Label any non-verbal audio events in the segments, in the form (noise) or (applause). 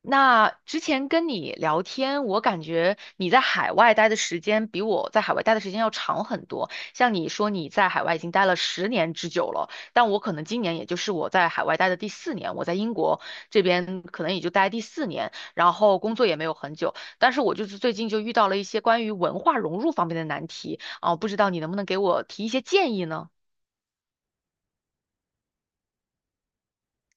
那之前跟你聊天，我感觉你在海外待的时间比我在海外待的时间要长很多。像你说你在海外已经待了10年之久了，但我可能今年也就是我在海外待的第四年，我在英国这边可能也就待第四年，然后工作也没有很久。但是我就是最近就遇到了一些关于文化融入方面的难题啊，不知道你能不能给我提一些建议呢？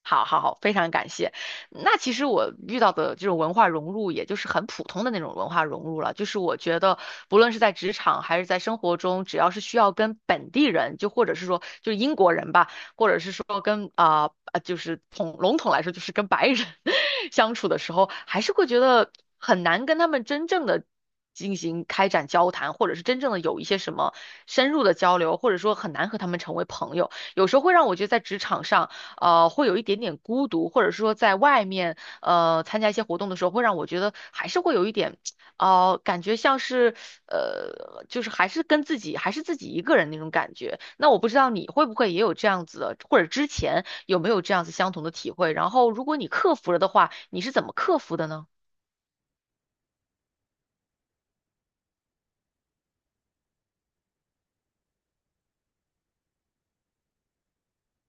好好好，非常感谢。那其实我遇到的这种文化融入，也就是很普通的那种文化融入了。就是我觉得，不论是在职场还是在生活中，只要是需要跟本地人，就或者是说就是英国人吧，者是说跟就是笼统来说，就是跟白人 (laughs) 相处的时候，还是会觉得很难跟他们真正的进行开展交谈，或者是真正的有一些什么深入的交流，或者说很难和他们成为朋友。有时候会让我觉得在职场上，会有一点点孤独，或者是说在外面参加一些活动的时候，会让我觉得还是会有一点。哦，感觉像是，就是还是跟自己，还是自己一个人那种感觉。那我不知道你会不会也有这样子的，或者之前有没有这样子相同的体会？然后，如果你克服了的话，你是怎么克服的呢？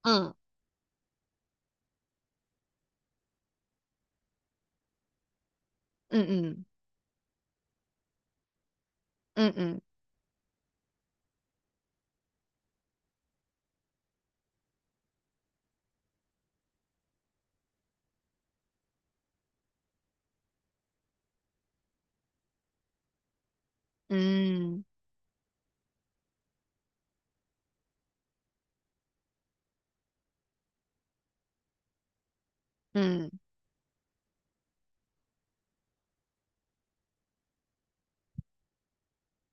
嗯嗯嗯嗯嗯嗯嗯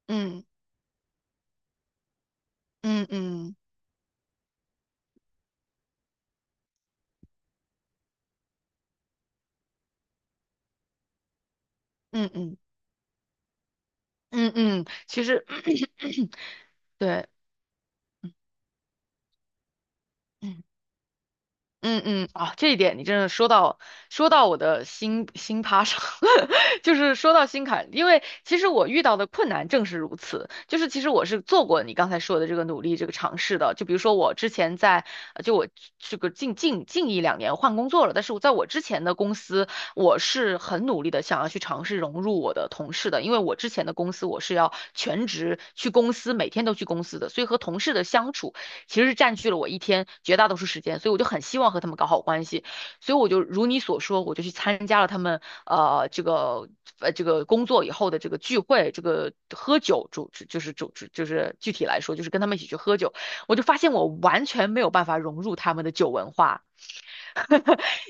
嗯嗯嗯嗯嗯嗯，嗯，其实 (clears throat) 对，嗯嗯。嗯嗯啊，这一点你真的说到我的心趴上，(laughs) 就是说到心坎，因为其实我遇到的困难正是如此，就是其实我是做过你刚才说的这个努力这个尝试的，就比如说我之前在就我这个近一两年换工作了，但是我在我之前的公司，我是很努力的想要去尝试融入我的同事的，因为我之前的公司我是要全职去公司，每天都去公司的，所以和同事的相处。其实是占据了我一天绝大多数时间，所以我就很希望和他们搞好关系，所以我就如你所说，我就去参加了他们这个工作以后的这个聚会，这个喝酒主就是具体来说就是跟他们一起去喝酒，我就发现我完全没有办法融入他们的酒文化。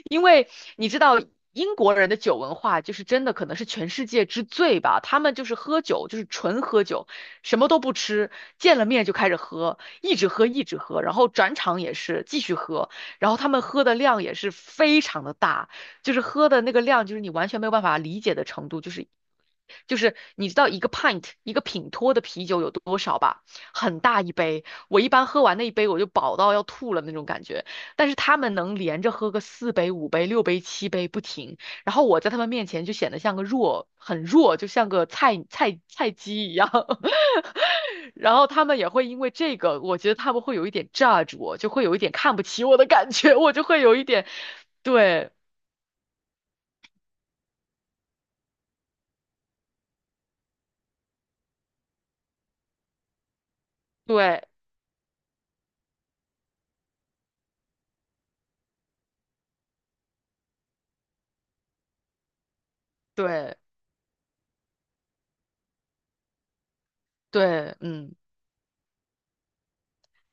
因为你知道英国人的酒文化就是真的可能是全世界之最吧，他们就是喝酒，就是纯喝酒，什么都不吃，见了面就开始喝，一直喝一直喝，然后转场也是继续喝，然后他们喝的量也是非常的大，就是喝的那个量就是你完全没有办法理解的程度，就是。就是你知道一个 pint 一个品托的啤酒有多少吧？很大一杯，我一般喝完那一杯我就饱到要吐了那种感觉。但是他们能连着喝个4杯、5杯、6杯、7杯不停，然后我在他们面前就显得像个弱，很弱，就像个菜鸡一样。(laughs) 然后他们也会因为这个，我觉得他们会有一点 judge 我，就会有一点看不起我的感觉，我就会有一点，对对对对，嗯。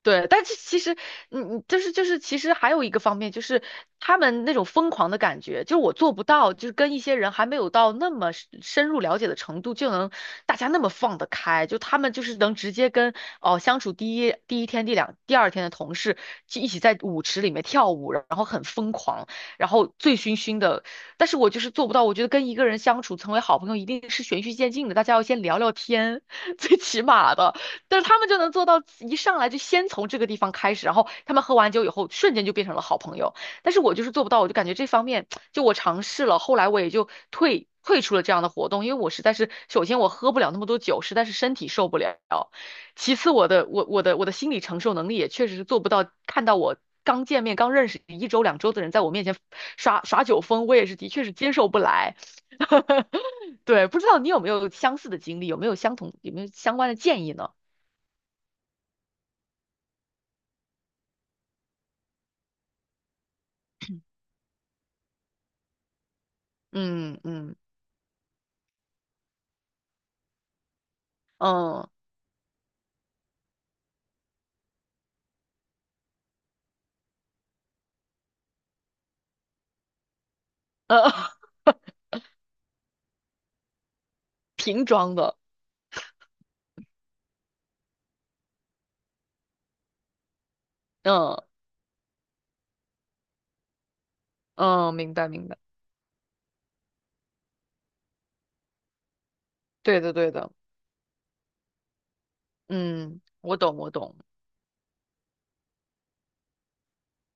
对，但是其实，嗯，嗯就是，其实还有一个方面，就是他们那种疯狂的感觉，就是我做不到，就是跟一些人还没有到那么深入了解的程度，就能大家那么放得开，就他们就是能直接跟哦相处第一天、第二天的同事就一起在舞池里面跳舞，然后很疯狂，然后醉醺醺的。但是我就是做不到，我觉得跟一个人相处成为好朋友一定是循序渐进的，大家要先聊聊天，(laughs) 最起码的。但是他们就能做到一上来就先从这个地方开始，然后他们喝完酒以后瞬间就变成了好朋友。但是我就是做不到，我就感觉这方面就我尝试了，后来我也就退出了这样的活动，因为我实在是首先我喝不了那么多酒，实在是身体受不了，其次我的心理承受能力也确实是做不到，看到我。刚见面、刚认识一周两周的人，在我面前耍耍酒疯，我也是的确是接受不来。(laughs) 对，不知道你有没有相似的经历，有没有相同，有没有相关的建议呢？嗯嗯嗯呃 (laughs) 嗯嗯，明白明白，对的对的，嗯，我懂我懂，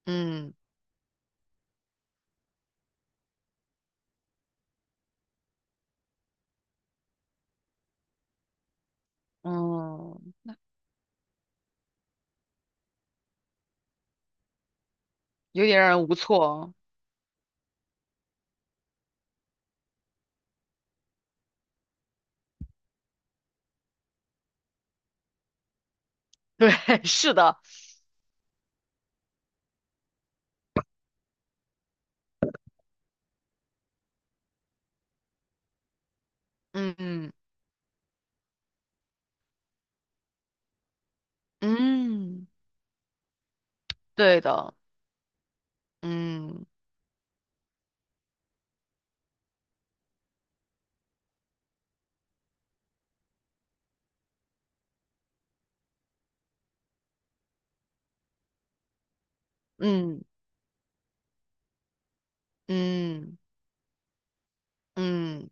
嗯嗯，有点让人无措哦，(laughs) 对，是的，嗯嗯嗯，对的，嗯嗯嗯嗯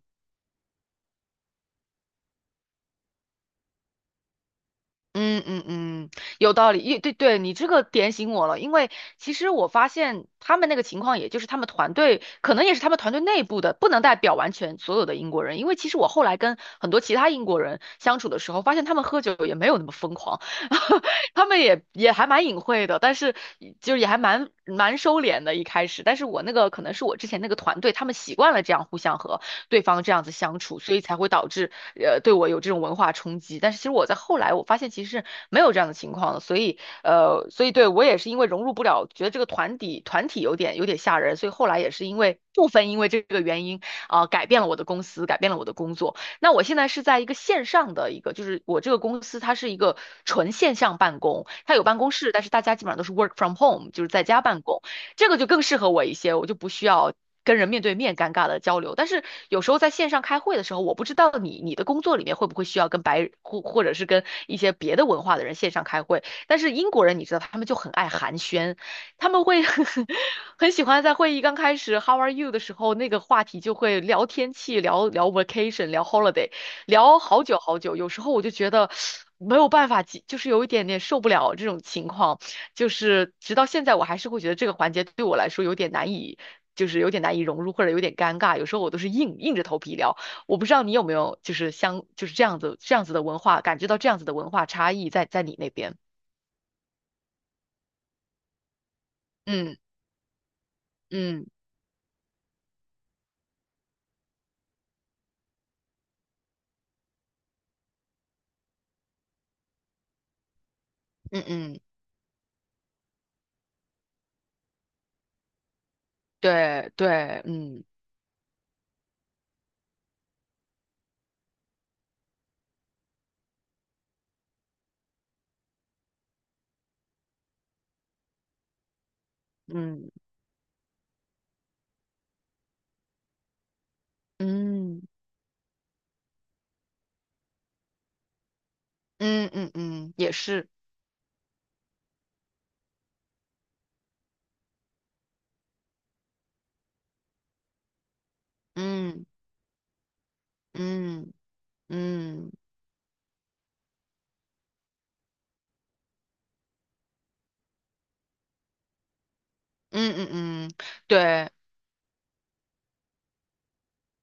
嗯嗯嗯，有道理，一对对，你这个点醒我了，因为其实我发现他们那个情况，也就是他们团队可能也是他们团队内部的，不能代表完全所有的英国人，因为其实我后来跟很多其他英国人相处的时候，发现他们喝酒也没有那么疯狂，(laughs) 他们也还蛮隐晦的，但是就是也还蛮收敛的，一开始，但是我那个可能是我之前那个团队，他们习惯了这样互相喝，对方这样子相处，所以才会导致对我有这种文化冲击。但是其实我在后来我发现其实是没有这样的情况的，所以所以对我也是因为融入不了，觉得这个团体有点吓人，所以后来也是因为部分因为这个原因改变了我的公司，改变了我的工作。那我现在是在一个线上的一个，就是我这个公司它是一个纯线上办公，它有办公室，但是大家基本上都是 work from home，就是在家办公。这个就更适合我一些，我就不需要跟人面对面尴尬的交流。但是有时候在线上开会的时候，我不知道你的工作里面会不会需要跟白或或者是跟一些别的文化的人线上开会。但是英国人你知道，他们就很爱寒暄，他们会 (laughs) 很喜欢在会议刚开始 “How are you” 的时候，那个话题就会聊天气、聊聊 vacation、聊 holiday，聊好久好久。有时候我就觉得，没有办法，就是有一点点受不了这种情况。就是直到现在，我还是会觉得这个环节对我来说有点难以，就是有点难以融入，或者有点尴尬。有时候我都是硬着头皮聊。我不知道你有没有就是这样子的文化，感觉到这样子的文化差异在你那边。嗯嗯嗯嗯，对对，嗯嗯嗯嗯嗯嗯，也是，嗯嗯嗯嗯嗯嗯嗯，对。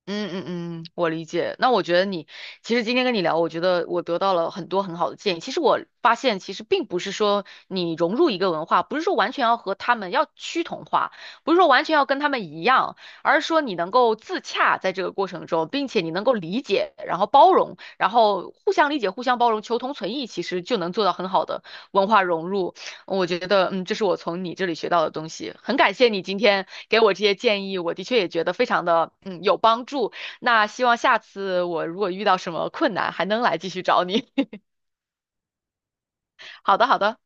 嗯嗯嗯，我理解。那我觉得你其实今天跟你聊，我觉得我得到了很多很好的建议。其实我发现，其实并不是说你融入一个文化，不是说完全要和他们要趋同化，不是说完全要跟他们一样，而是说你能够自洽在这个过程中，并且你能够理解，然后包容，然后互相理解、互相包容、求同存异，其实就能做到很好的文化融入。我觉得，这是我从你这里学到的东西，很感谢你今天给我这些建议，我的确也觉得非常的，有帮助。那希望下次我如果遇到什么困难，还能来继续找你。(laughs) 好的，好的，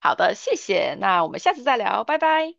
好的，谢谢。那我们下次再聊，拜拜。